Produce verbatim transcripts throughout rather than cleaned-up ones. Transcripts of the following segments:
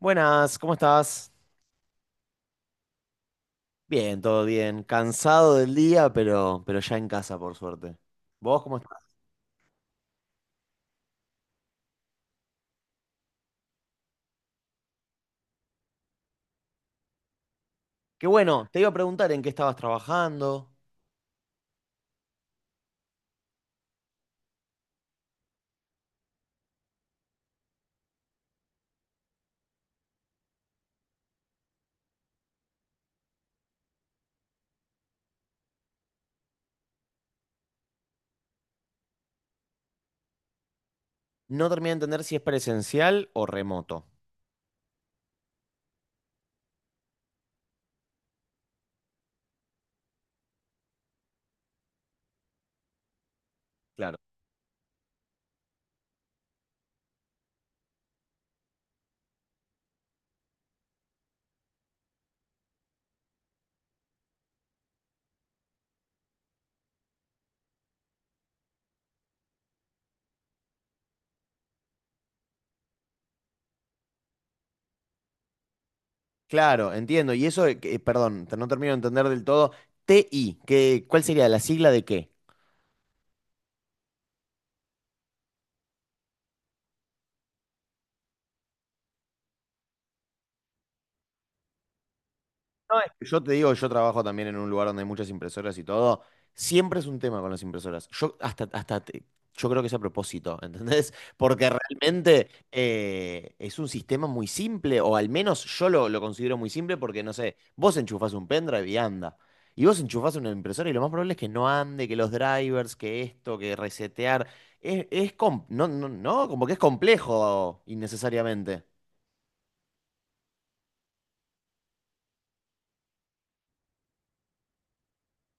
Buenas, ¿cómo estás? Bien, todo bien. Cansado del día, pero, pero ya en casa, por suerte. ¿Vos cómo estás? Qué bueno, te iba a preguntar en qué estabas trabajando. No terminé de entender si es presencial o remoto. Claro. Claro, entiendo. Y eso, eh, que- eh, perdón, te- no termino de entender del todo. T I, ¿qué, cuál sería la sigla de qué? No, es que yo te digo, yo trabajo también en un lugar donde hay muchas impresoras y todo. Siempre es un tema con las impresoras. Yo hasta, hasta te- yo creo que es a propósito, ¿entendés? Porque realmente eh, es un sistema muy simple, o al menos yo lo, lo considero muy simple porque, no sé, vos enchufás un pendrive y anda. Y vos enchufás una impresora y lo más probable es que no ande, que los drivers, que esto, que resetear. Es, es com- no, no, no, como que es complejo innecesariamente.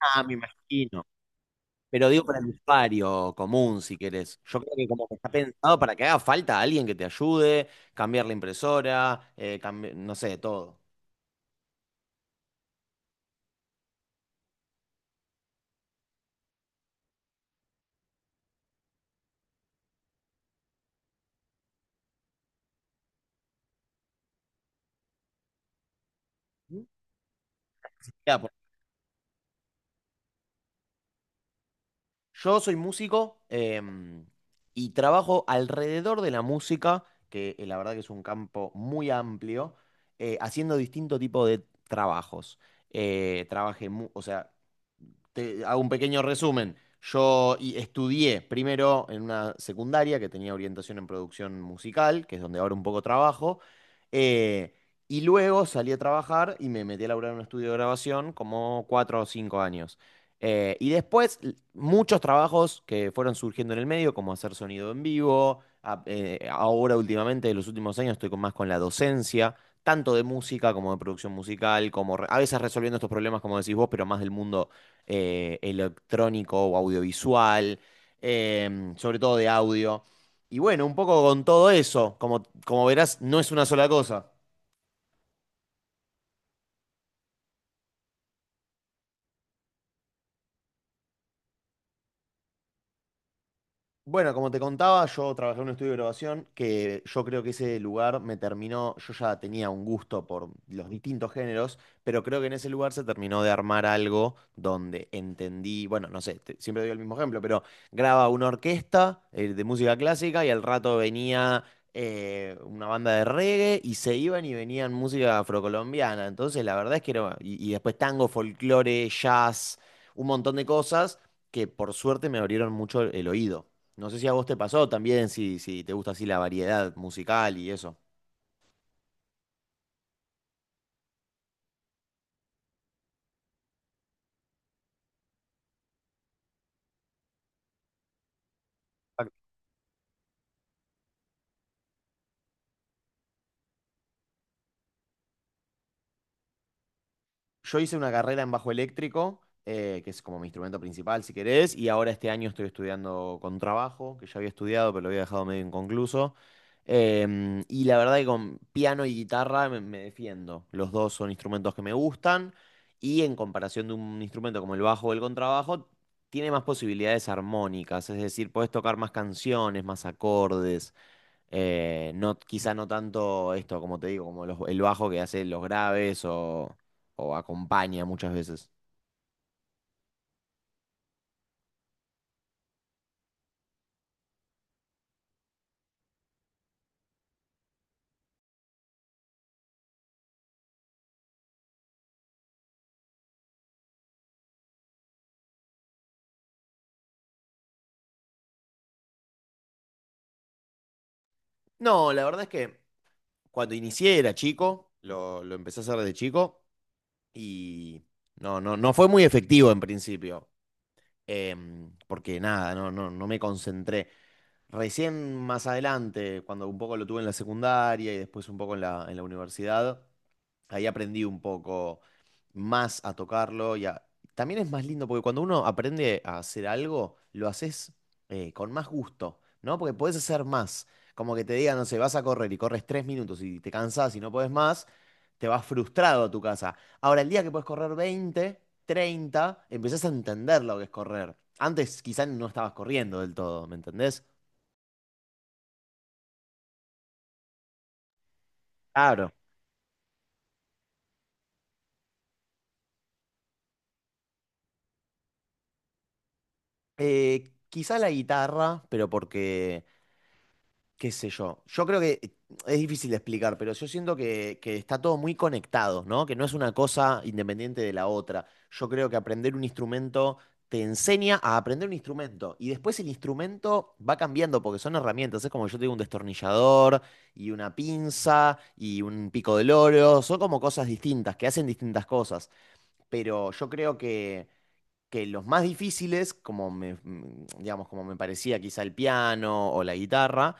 Ah, me imagino. Pero digo para el usuario común, si querés. Yo creo que como que está pensado para que haga falta alguien que te ayude, cambiar la impresora, eh, cambi- no sé, todo. Mirá, por- yo soy músico, em, y trabajo alrededor de la música, que eh, la verdad que es un campo muy amplio, eh, haciendo distinto tipo de trabajos. Eh, trabajé, mu- o sea, te hago un pequeño resumen. Yo y- estudié primero en una secundaria que tenía orientación en producción musical, que es donde ahora un poco trabajo, eh, y luego salí a trabajar y me metí a laburar en un estudio de grabación como cuatro o cinco años. Eh, y después l- muchos trabajos que fueron surgiendo en el medio, como hacer sonido en vivo. a- eh, ahora últimamente, en los últimos años, estoy con más con la docencia tanto de música como de producción musical, como re- a veces resolviendo estos problemas, como decís vos, pero más del mundo eh, electrónico o audiovisual, em, sobre todo de audio. Y bueno, un poco con todo eso, como, como verás, no es una sola cosa. Bueno, como te contaba, yo trabajé en un estudio de grabación que yo creo que ese lugar me terminó, yo ya tenía un gusto por los distintos géneros, pero creo que en ese lugar se terminó de armar algo donde entendí, bueno, no sé, te- siempre doy el mismo ejemplo, pero graba una orquesta eh, de música clásica y al rato venía eh, una banda de reggae y se iban y venían música afrocolombiana. Entonces, la verdad es que era, y y después tango, folclore, jazz, un montón de cosas que por suerte me abrieron mucho el oído. No sé si a vos te pasó también, si, si te gusta así la variedad musical y eso. Yo hice una carrera en bajo eléctrico, eh, que es como mi instrumento principal, si querés, y ahora este año estoy estudiando con trabajo, que ya había estudiado, pero lo había dejado medio inconcluso. Em, y la verdad que con piano y guitarra me, me defiendo. Los dos son instrumentos que me gustan, y en comparación de un instrumento como el bajo o el contrabajo, tiene más posibilidades armónicas, es decir, podés tocar más canciones, más acordes. Eh, no, quizá no tanto esto, como te digo, como los- el bajo que hace los graves o, o acompaña muchas veces. No, la verdad es que cuando inicié era chico, lo, lo empecé a hacer desde chico y no, no, no fue muy efectivo en principio. Em, porque nada, no, no, no me concentré. Recién más adelante, cuando un poco lo tuve en la secundaria y después un poco en la, en la universidad, ahí aprendí un poco más a tocarlo. Y a- También es más lindo porque cuando uno aprende a hacer algo, lo haces eh, con más gusto, ¿no? Porque podés hacer más. Como que te digan, no sé, vas a correr y corres tres minutos y te cansás y no podés más, te vas frustrado a tu casa. Ahora, el día que puedes correr veinte, treinta, empezás a entender lo que es correr. Antes quizás no estabas corriendo del todo, ¿me entendés? Claro. Eh, quizá la guitarra, pero porque qué sé yo. Yo creo que es difícil de explicar, pero yo siento que, que está todo muy conectado, ¿no? Que no es una cosa independiente de la otra. Yo creo que aprender un instrumento te enseña a aprender un instrumento y después el instrumento va cambiando porque son herramientas. Es como yo tengo un destornillador y una pinza y un pico del oro. Son como cosas distintas que hacen distintas cosas, pero yo creo que... que los más difíciles, como me, mm, digamos, como me parecía quizá el piano o la guitarra,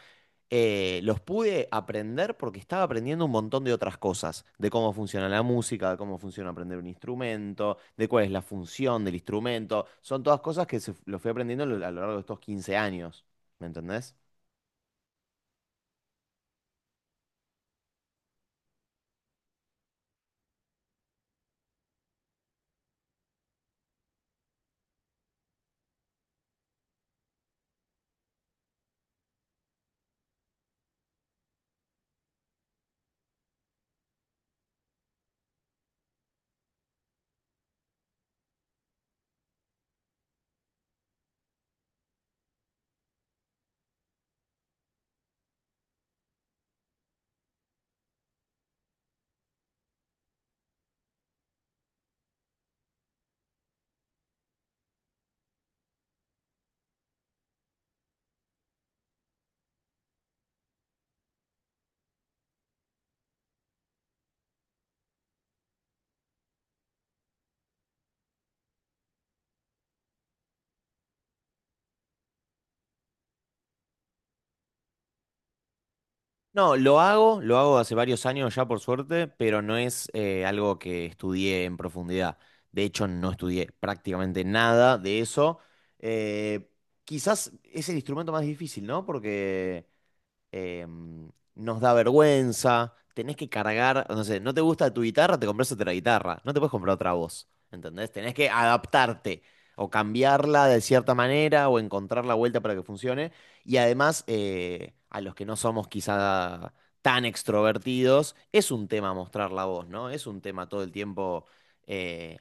eh, los pude aprender porque estaba aprendiendo un montón de otras cosas, de cómo funciona la música, de cómo funciona aprender un instrumento, de cuál es la función del instrumento. Son todas cosas que se, lo fui aprendiendo a lo a lo largo de estos quince años, ¿me entendés? No, lo hago, lo hago hace varios años ya por suerte, pero no es eh, algo que estudié en profundidad. De hecho, no estudié prácticamente nada de eso. Eh, quizás es el instrumento más difícil, ¿no? Porque em, nos da vergüenza, tenés que cargar, no sé, no te gusta tu guitarra, te compras otra guitarra, no te puedes comprar otra voz, ¿entendés? Tenés que adaptarte o cambiarla de cierta manera o encontrar la vuelta para que funcione. Y además, eh, a los que no somos quizá tan extrovertidos, es un tema mostrar la voz, ¿no? Es un tema todo el tiempo, eh,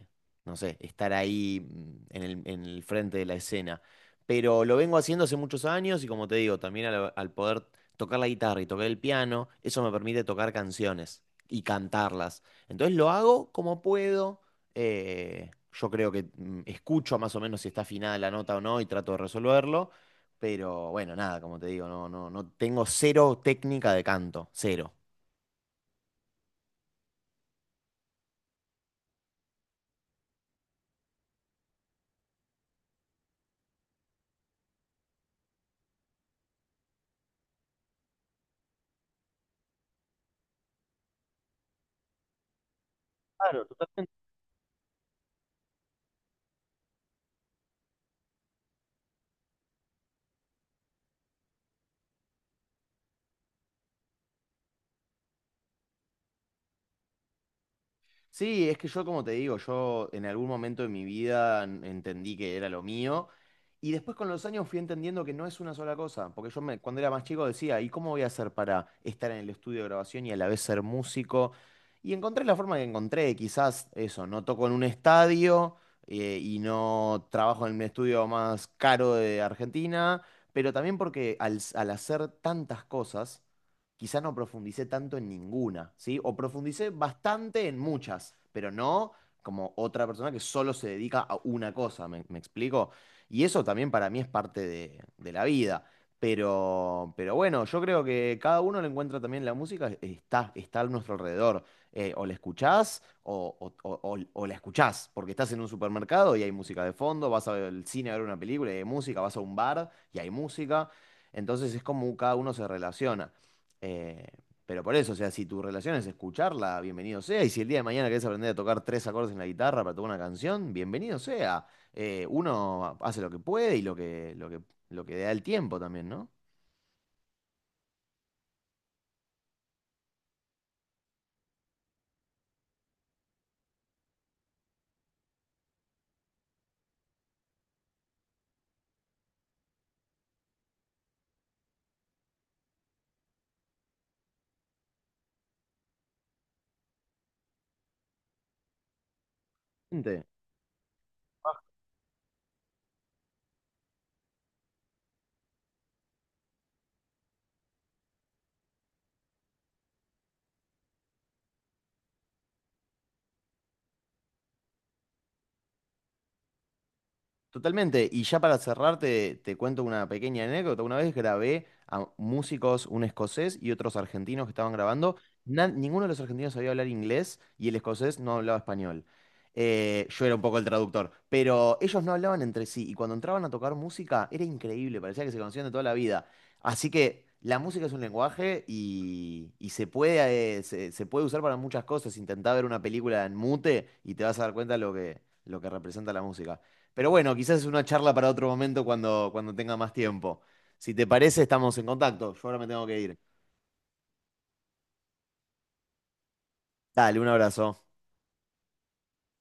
no sé, estar ahí mm, en el, en el frente de la escena, pero lo vengo haciendo hace muchos años y como te digo, también al, al poder tocar la guitarra y tocar el piano, eso me permite tocar canciones y cantarlas. Entonces lo hago como puedo. Eh, yo creo que mm, escucho más o menos si está afinada la nota o no y trato de resolverlo. Pero bueno, nada, como te digo, no, no, no tengo cero técnica de canto, cero. Sí, es que yo, como te digo, yo en algún momento de mi vida en- entendí que era lo mío y después con los años fui entendiendo que no es una sola cosa, porque yo me, cuando era más chico decía, ¿y cómo voy a hacer para estar en el estudio de grabación y a la vez ser músico? Y encontré la forma que encontré, quizás eso, no toco en un estadio eh, y no trabajo en el estudio más caro de Argentina, pero también porque al, s- al hacer tantas cosas quizá no profundicé tanto en ninguna, ¿sí? O profundicé bastante en muchas, pero no como otra persona que solo se dedica a una cosa, ¿me, ¿me explico? Y eso también para mí es parte de, de la vida. Pero, pero bueno, yo creo que cada uno le encuentra también la música, eh, está, está a nuestro alrededor. Eh, o la escuchás o, o- o- o- o la escuchás, porque estás en un supermercado y hay música de fondo, vas al cine a ver una película y hay música, vas a un bar y hay música. Entonces es como cada uno se relaciona. Eh, pero por eso, o sea, si tu relación es escucharla, bienvenido sea. Y si el día de mañana querés aprender a tocar tres acordes en la guitarra para tocar una canción, bienvenido sea. Eh, uno hace lo que puede y lo que, lo que, lo que da el tiempo también, ¿no? Totalmente, y ya para cerrar te, te cuento una pequeña anécdota. Una vez grabé a músicos, un escocés y otros argentinos que estaban grabando. Na- ninguno de los argentinos sabía hablar inglés y el escocés no hablaba español. Eh, yo era un poco el traductor, pero ellos no hablaban entre sí y cuando entraban a tocar música era increíble, parecía que se conocían de toda la vida. Así que la música es un lenguaje y, y se puede, eh, se, se puede usar para muchas cosas. Intentá ver una película en mute y te vas a dar cuenta lo que, lo que representa la música. Pero bueno, quizás es una charla para otro momento cuando, cuando tenga más tiempo. Si te parece, estamos en contacto. Yo ahora me tengo que ir. Dale, un abrazo.